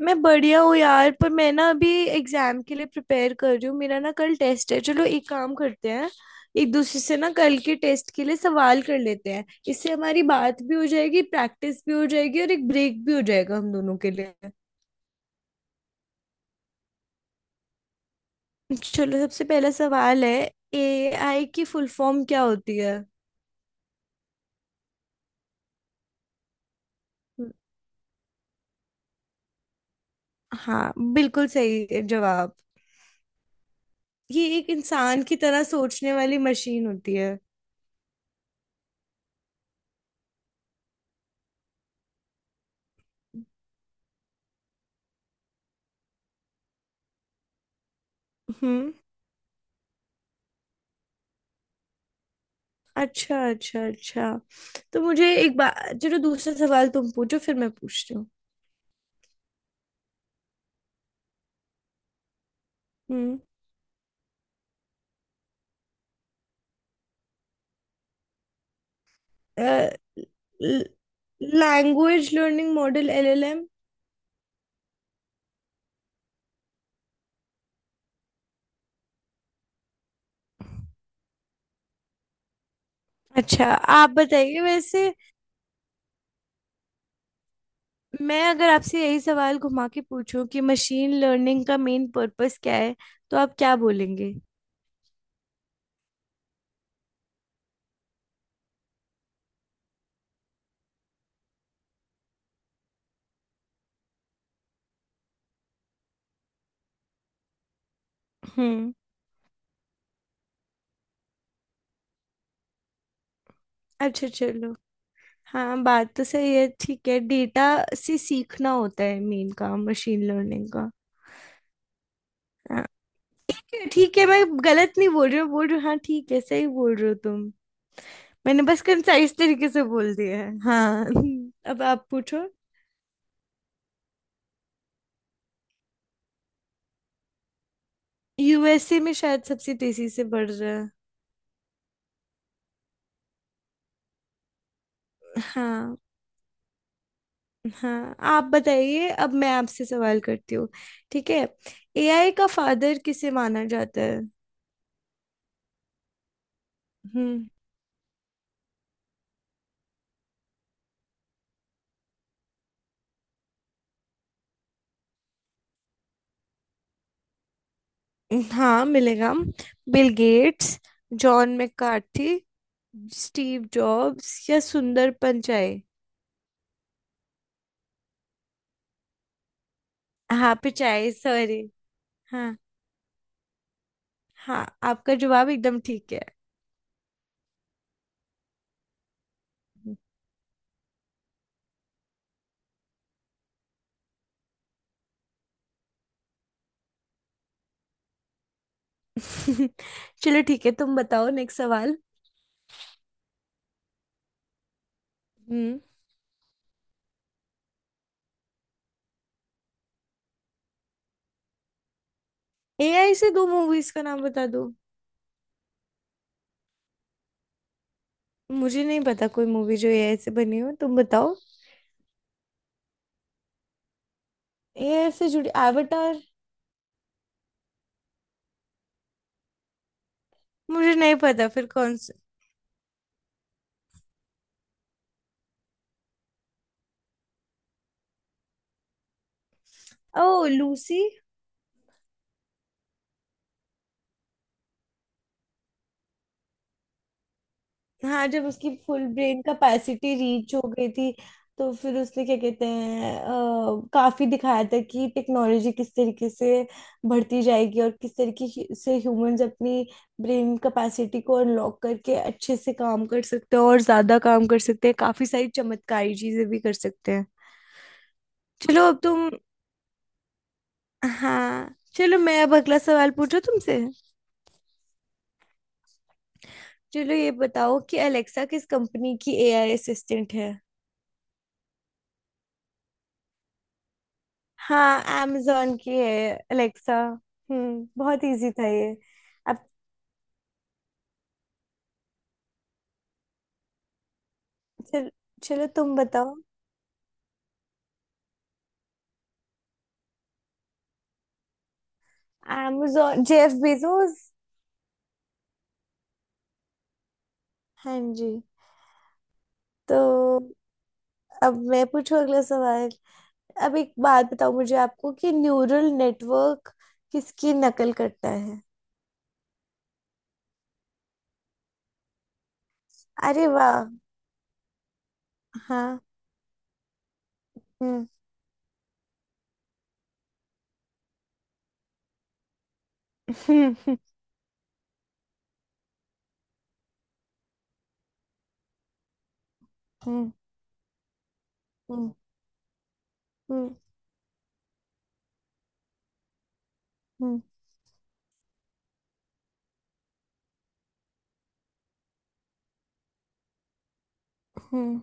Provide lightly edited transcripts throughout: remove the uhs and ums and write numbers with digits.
मैं बढ़िया हूँ यार। पर मैं ना अभी एग्जाम के लिए प्रिपेयर कर रही हूँ। मेरा ना कल टेस्ट है। चलो एक काम करते हैं, एक दूसरे से ना कल के टेस्ट के लिए सवाल कर लेते हैं। इससे हमारी बात भी हो जाएगी, प्रैक्टिस भी हो जाएगी और एक ब्रेक भी हो जाएगा हम दोनों के लिए। चलो सबसे पहला सवाल है। एआई की फुल फॉर्म क्या होती है? हम्म। हाँ, बिल्कुल सही जवाब। ये एक इंसान की तरह सोचने वाली मशीन होती है। हम्म। अच्छा, अच्छा, अच्छा। तो मुझे एक बात। चलो दूसरा सवाल तुम पूछो, फिर मैं पूछती हूँ। हम्म। Language learning model LLM. अच्छा। आप बताइए वैसे। मैं अगर आपसे यही सवाल घुमा के पूछूं कि मशीन लर्निंग का मेन पर्पस क्या है, तो आप क्या बोलेंगे? हम्म। अच्छा, चलो। हाँ, बात तो सही है, ठीक है। डेटा से सीखना होता है मेन काम मशीन लर्निंग का। ठीक है, मैं गलत नहीं बोल रही हूँ बोल रही हूँ, हाँ ठीक है, सही बोल रहे हो तुम। मैंने बस कंसाइज तरीके से बोल दिया है हाँ। अब आप पूछो। यूएसए में शायद सबसे तेजी से बढ़ रहा है। हाँ। हाँ, आप बताइए, अब मैं आपसे सवाल करती हूँ। ठीक है, एआई का फादर किसे माना जाता है? हम्म। हाँ, मिलेगा। Bill Gates, John McCarthy, Steve Jobs या सुंदर पिचाई? हाँ, पिचाई, सॉरी। हाँ, आपका जवाब एकदम ठीक है। चलो ठीक है, तुम बताओ नेक्स्ट सवाल। हम्म। एआई से दो मूवीज का नाम बता दो। मुझे नहीं पता कोई मूवी जो एआई से बनी हो, तुम बताओ। एआई से जुड़ी एवटार। मुझे नहीं पता, फिर कौन सा? ओ लूसी। हाँ, जब उसकी फुल ब्रेन कैपेसिटी रीच हो गई थी। तो फिर उसने क्या कहते हैं, काफी दिखाया था कि टेक्नोलॉजी किस तरीके से बढ़ती जाएगी और किस तरीके ह्यूमंस अपनी ब्रेन कैपेसिटी को अनलॉक करके अच्छे से काम कर सकते हैं और ज्यादा काम कर सकते हैं, काफी सारी चमत्कारी चीजें भी कर सकते हैं। चलो अब तुम। हाँ, चलो मैं अब अगला सवाल पूछूं तुमसे। चलो ये बताओ कि अलेक्सा किस कंपनी की एआई असिस्टेंट है? हाँ, amazon की है अलेक्सा। बहुत इजी था ये। अब चल, चलो तुम बताओ। amazon Jeff Bezos. हाँ जी। तो अब मैं पूछूं अगला सवाल। अब एक बात बताओ मुझे आपको कि न्यूरल नेटवर्क किसकी नकल करता है? अरे वाह। हाँ। हम्म। हम्म। हम्म। हम्म। हम्म। हम्म। हम्म।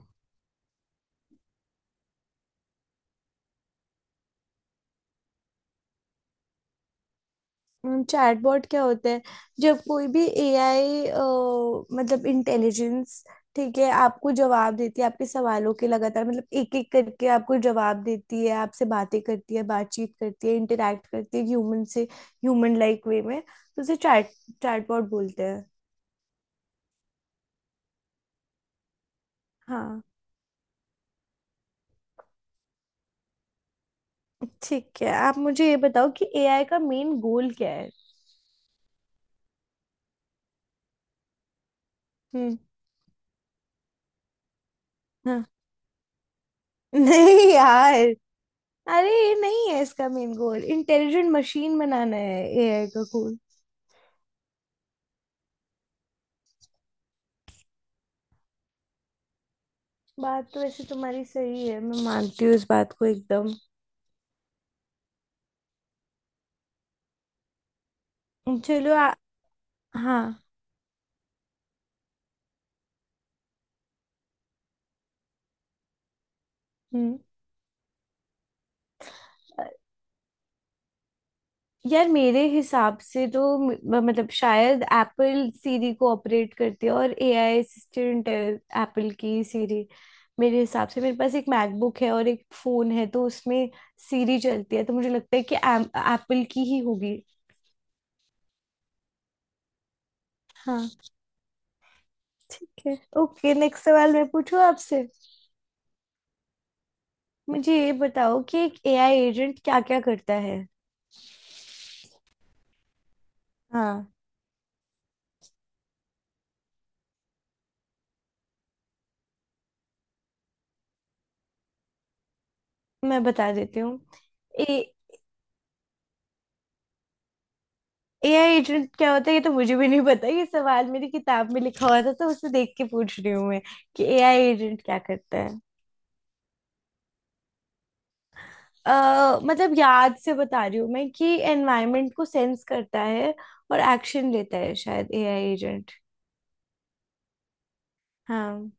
चैटबॉट क्या होता है? जब कोई भी एआई मतलब इंटेलिजेंस ठीक है आपको जवाब देती है आपके सवालों के, लगातार मतलब एक एक करके आपको जवाब देती है, आपसे बातें करती है, बातचीत करती है, इंटरेक्ट करती है ह्यूमन से ह्यूमन लाइक वे में, तो उसे चैटबॉट बोलते हैं। हाँ। ठीक है, आप मुझे ये बताओ कि एआई का मेन गोल क्या है? हम्म। हाँ। नहीं यार, अरे ये नहीं है इसका मेन गोल, इंटेलिजेंट मशीन बनाना है एआई का। बात तो वैसे तुम्हारी सही है, मैं मानती हूँ इस बात को एकदम। चलो हाँ। हम्म। अ, यार मेरे हिसाब से तो मतलब शायद एप्पल सीरी को ऑपरेट करती है और एआई असिस्टेंट है। एप्पल की सीरी। मेरे हिसाब से मेरे पास एक मैकबुक है और एक फोन है, तो उसमें सीरी चलती है, तो मुझे लगता है कि एप्पल की ही होगी। हाँ। ठीक है, ओके, नेक्स्ट सवाल मैं पूछूं आपसे। मुझे ये बताओ कि एक एआई एजेंट क्या क्या करता है? हाँ। मैं बता देती हूँ। ए एआई एजेंट क्या होता है ये तो मुझे भी नहीं पता, ये सवाल मेरी किताब में लिखा हुआ था तो उसे देख के पूछ रही हूँ मैं कि एआई एजेंट क्या करता है। मतलब याद से बता रही हूँ मैं कि एनवायरनमेंट को सेंस करता है और एक्शन लेता है, शायद एआई एजेंट। हाँ।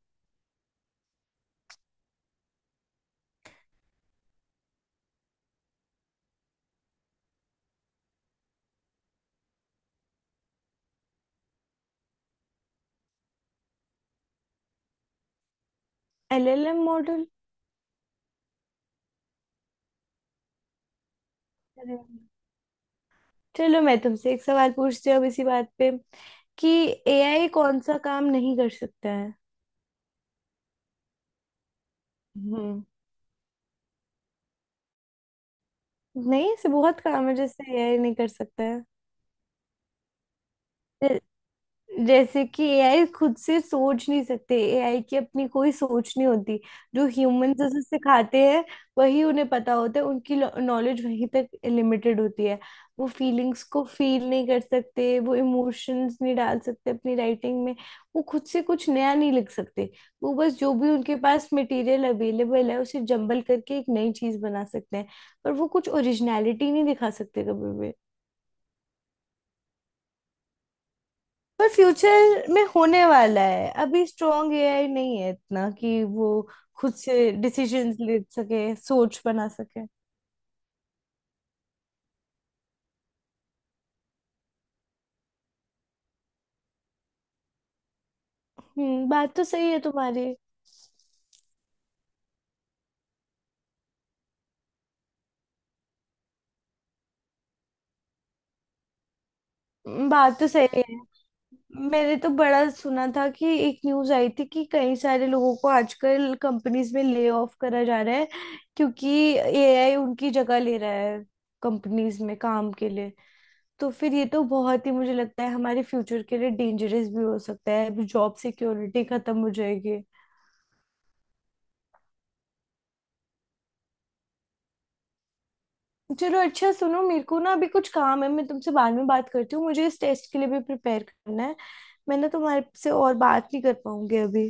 LLM model. अरे, चलो मैं तुमसे एक सवाल पूछती हूँ अब इसी बात पे कि एआई कौन सा काम नहीं कर सकता है? हम्म। नहीं, ऐसे बहुत काम है जैसे एआई नहीं कर सकता है। जैसे कि एआई खुद से सोच नहीं सकते, एआई की अपनी कोई सोच नहीं होती, जो ह्यूमंस उसे सिखाते हैं वही उन्हें पता होता है, उनकी नॉलेज वहीं तक लिमिटेड होती है। वो फीलिंग्स को फील नहीं कर सकते, वो इमोशंस नहीं डाल सकते अपनी राइटिंग में, वो खुद से कुछ नया नहीं लिख सकते, वो बस जो भी उनके पास मटेरियल अवेलेबल है उसे जंबल करके एक नई चीज बना सकते हैं, पर वो कुछ ओरिजिनलिटी नहीं दिखा सकते कभी भी। पर फ्यूचर में होने वाला है, अभी स्ट्रॉन्ग एआई नहीं है इतना कि वो खुद से डिसीजंस ले सके, सोच बना सके। बात तो सही है तुम्हारी। बात तो सही है। मैंने तो बड़ा सुना था कि एक न्यूज आई थी कि कई सारे लोगों को आजकल कंपनीज में ले ऑफ करा जा रहा है, क्योंकि एआई उनकी जगह ले रहा है कंपनीज में काम के लिए। तो फिर ये तो बहुत ही मुझे लगता है हमारे फ्यूचर के लिए डेंजरस भी हो सकता है, जॉब सिक्योरिटी खत्म हो जाएगी। चलो अच्छा सुनो, मेरे को ना अभी कुछ काम है, मैं तुमसे बाद में बात करती हूँ, मुझे इस टेस्ट के लिए भी प्रिपेयर करना है। मैं ना तुम्हारे से और बात नहीं कर पाऊंगी अभी।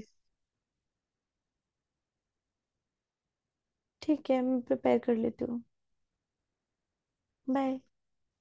ठीक है, मैं प्रिपेयर कर लेती हूँ। बाय।